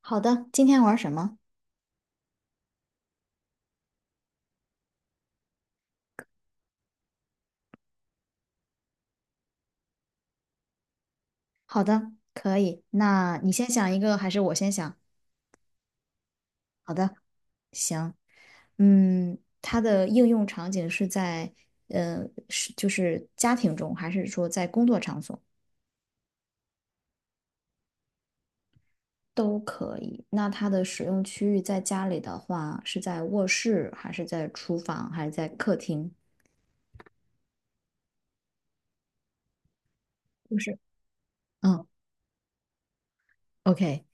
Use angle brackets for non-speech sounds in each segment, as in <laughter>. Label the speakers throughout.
Speaker 1: 好的，今天玩什么？好的，可以。那你先想一个，还是我先想？好的，行。嗯，它的应用场景是在，呃，是家庭中，还是说在工作场所都可以？那它的使用区域在家里的话，是在卧室，还是在厨房，还是在客厅？不是。嗯，OK，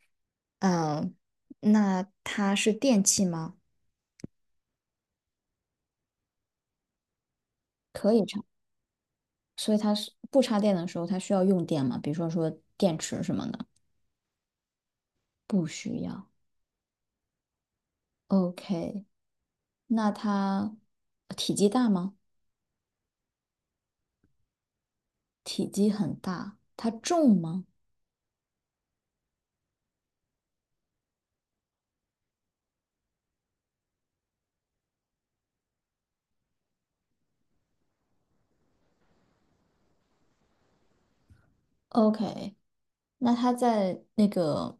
Speaker 1: 嗯，那它是电器吗？可以尝。所以它是不插电的时候，它需要用电吗？比如说电池什么的，不需要。OK，那它体积大吗？体积很大，它重吗？OK，那它在那个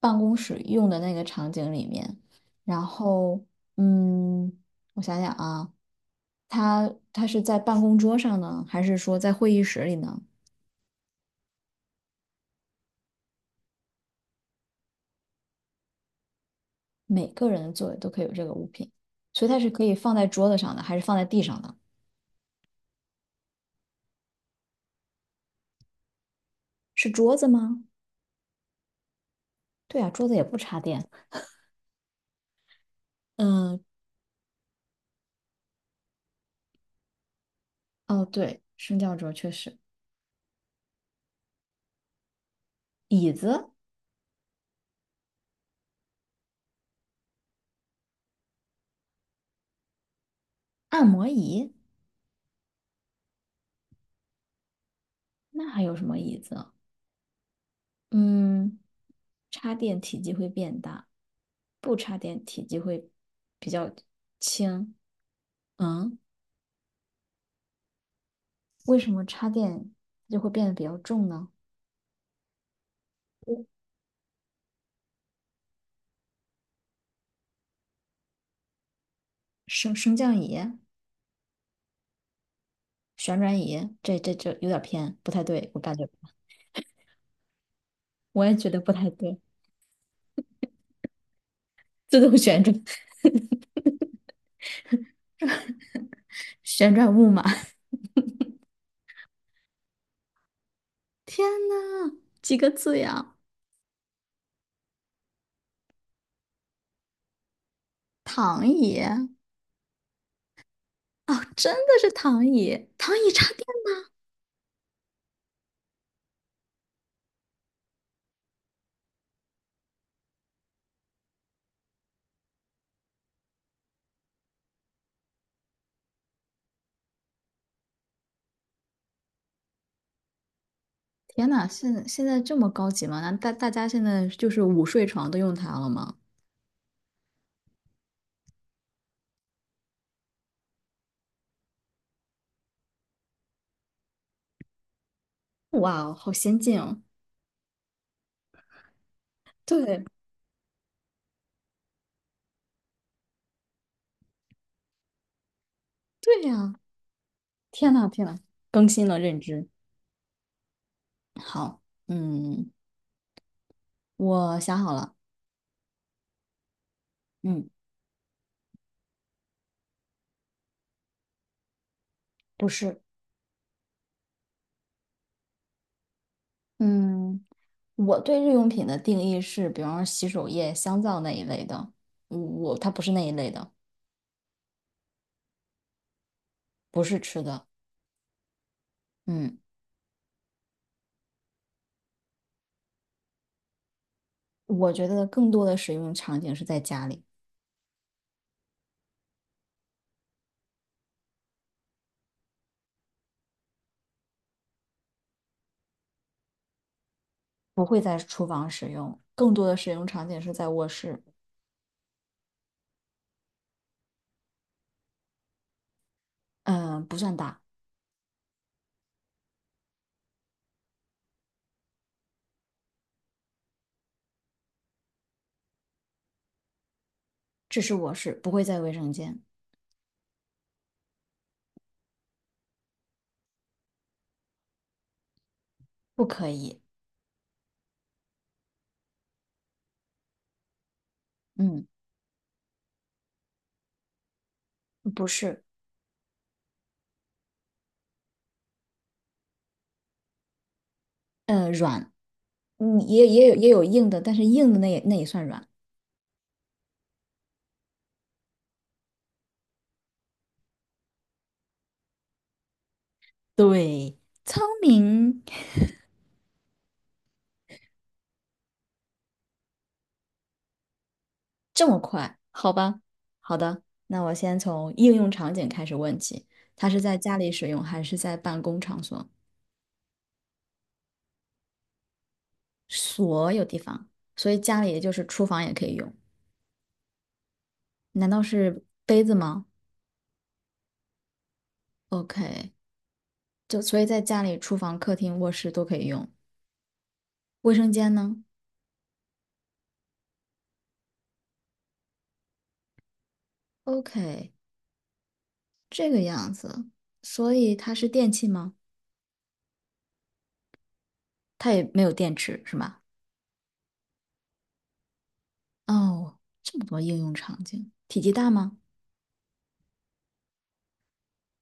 Speaker 1: 办公室用的那个场景里面，然后嗯，我想想啊，它是在办公桌上呢，还是说在会议室里呢？每个人的座位都可以有这个物品，所以它是可以放在桌子上的，还是放在地上的？是桌子吗？对啊，桌子也不插电。嗯，哦，对，升降桌确实，椅子、按摩椅，那还有什么椅子啊？嗯，插电体积会变大，不插电体积会比较轻。嗯，为什么插电就会变得比较重呢？升降椅、旋转椅，这有点偏，不太对，我感觉，我也觉得不太对。自动旋转，<laughs> 旋转木马。天呐，几个字呀？躺椅哦，真的是躺椅，躺椅插电。天呐，现在这么高级吗？那大家现在就是午睡床都用它了吗？哇哦，好先进哦！对，对呀，天呐,天呐，更新了认知。好，嗯，我想好了，嗯，不是，嗯，我对日用品的定义是，比方说洗手液、香皂那一类的，我它不是那一类的，不是吃的，嗯。我觉得更多的使用场景是在家里，不会在厨房使用，更多的使用场景是在卧室，嗯，不算大，只是卧室，不会在卫生间，不可以，嗯，不是，嗯，软，嗯，也有硬的，但是硬的那也算软，对，聪明，这么快，好吧，好的。那我先从应用场景开始问起，它是在家里使用还是在办公场所？所有地方，所以家里也就是厨房也可以用。难道是杯子吗？OK，就所以在家里，厨房、客厅、卧室都可以用。卫生间呢？OK，这个样子，所以它是电器吗？它也没有电池是吗？哦，这么多应用场景，体积大吗？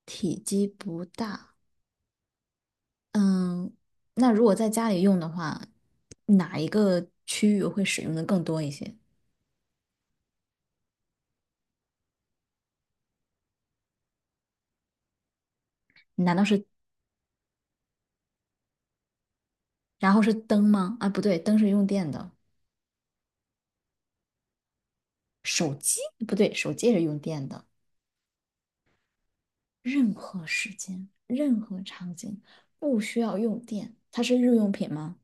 Speaker 1: 体积不大。嗯，那如果在家里用的话，哪一个区域会使用的更多一些？然后是灯吗？啊，不对，灯是用电的。手机？不对，手机也是用电的。任何时间、任何场景不需要用电，它是日用品吗？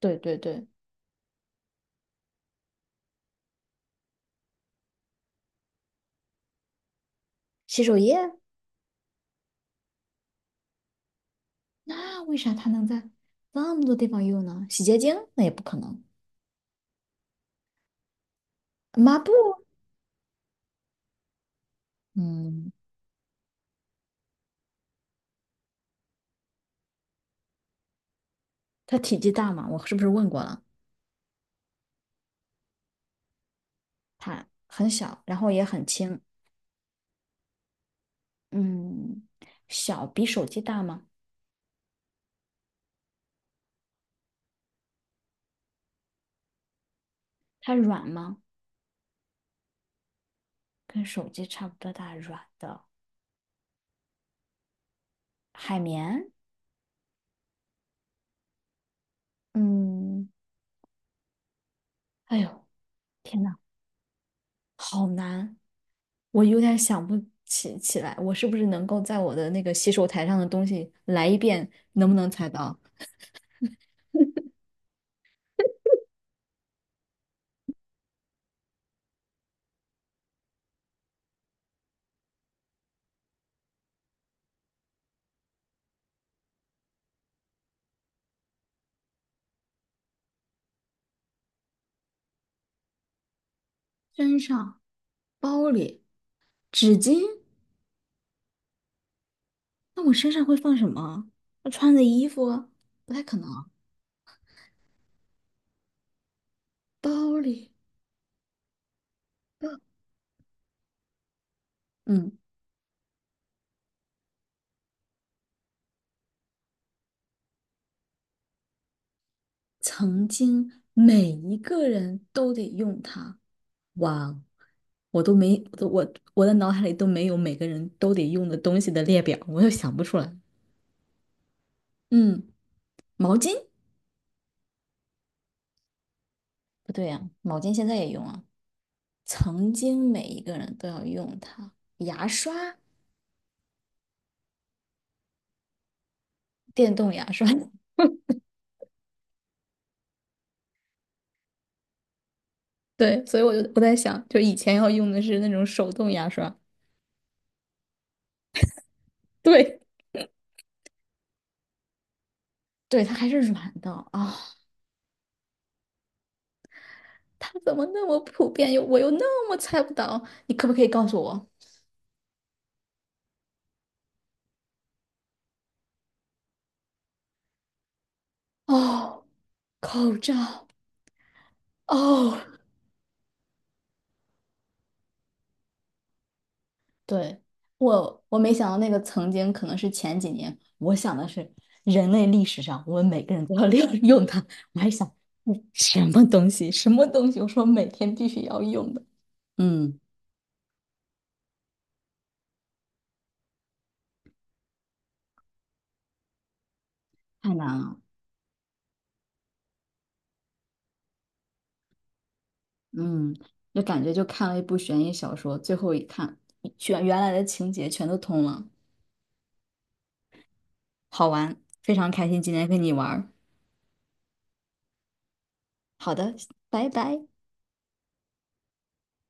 Speaker 1: 对对对，洗手液，那为啥它能在那么多地方用呢？洗洁精那也不可能，抹布，嗯，它体积大吗？我是不是问过了？它很小，然后也很轻，嗯，小比手机大吗？它软吗？跟手机差不多大，软的海绵，嗯，哎呦。天呐！好难，我有点想不起来，我是不是能够在我的那个洗手台上的东西来一遍，能不能猜到？身上、包里、纸巾，那我身上会放什么？我穿的衣服不太可能啊，包里，包，嗯，曾经每一个人都得用它。哇，我都没，我都我我的脑海里都没有每个人都得用的东西的列表，我又想不出来。嗯，毛巾。不对呀、毛巾现在也用啊。曾经每一个人都要用它。牙刷，电动牙刷。<laughs> 对，所以我在想，就以前要用的是那种手动牙刷，对，对，它还是软的啊、它怎么那么普遍，我那么猜不到？你可不可以告诉我？哦，口罩，哦，对，我我没想到那个曾经可能是前几年，我想的是人类历史上我们每个人都要利用 <laughs> 它，我还想嗯什么东西什么东西，我说每天必须要用的，嗯，太难了，嗯，就感觉就看了一部悬疑小说，最后一看全原来的情节全都通了，好玩，非常开心今天跟你玩儿，好的，拜拜。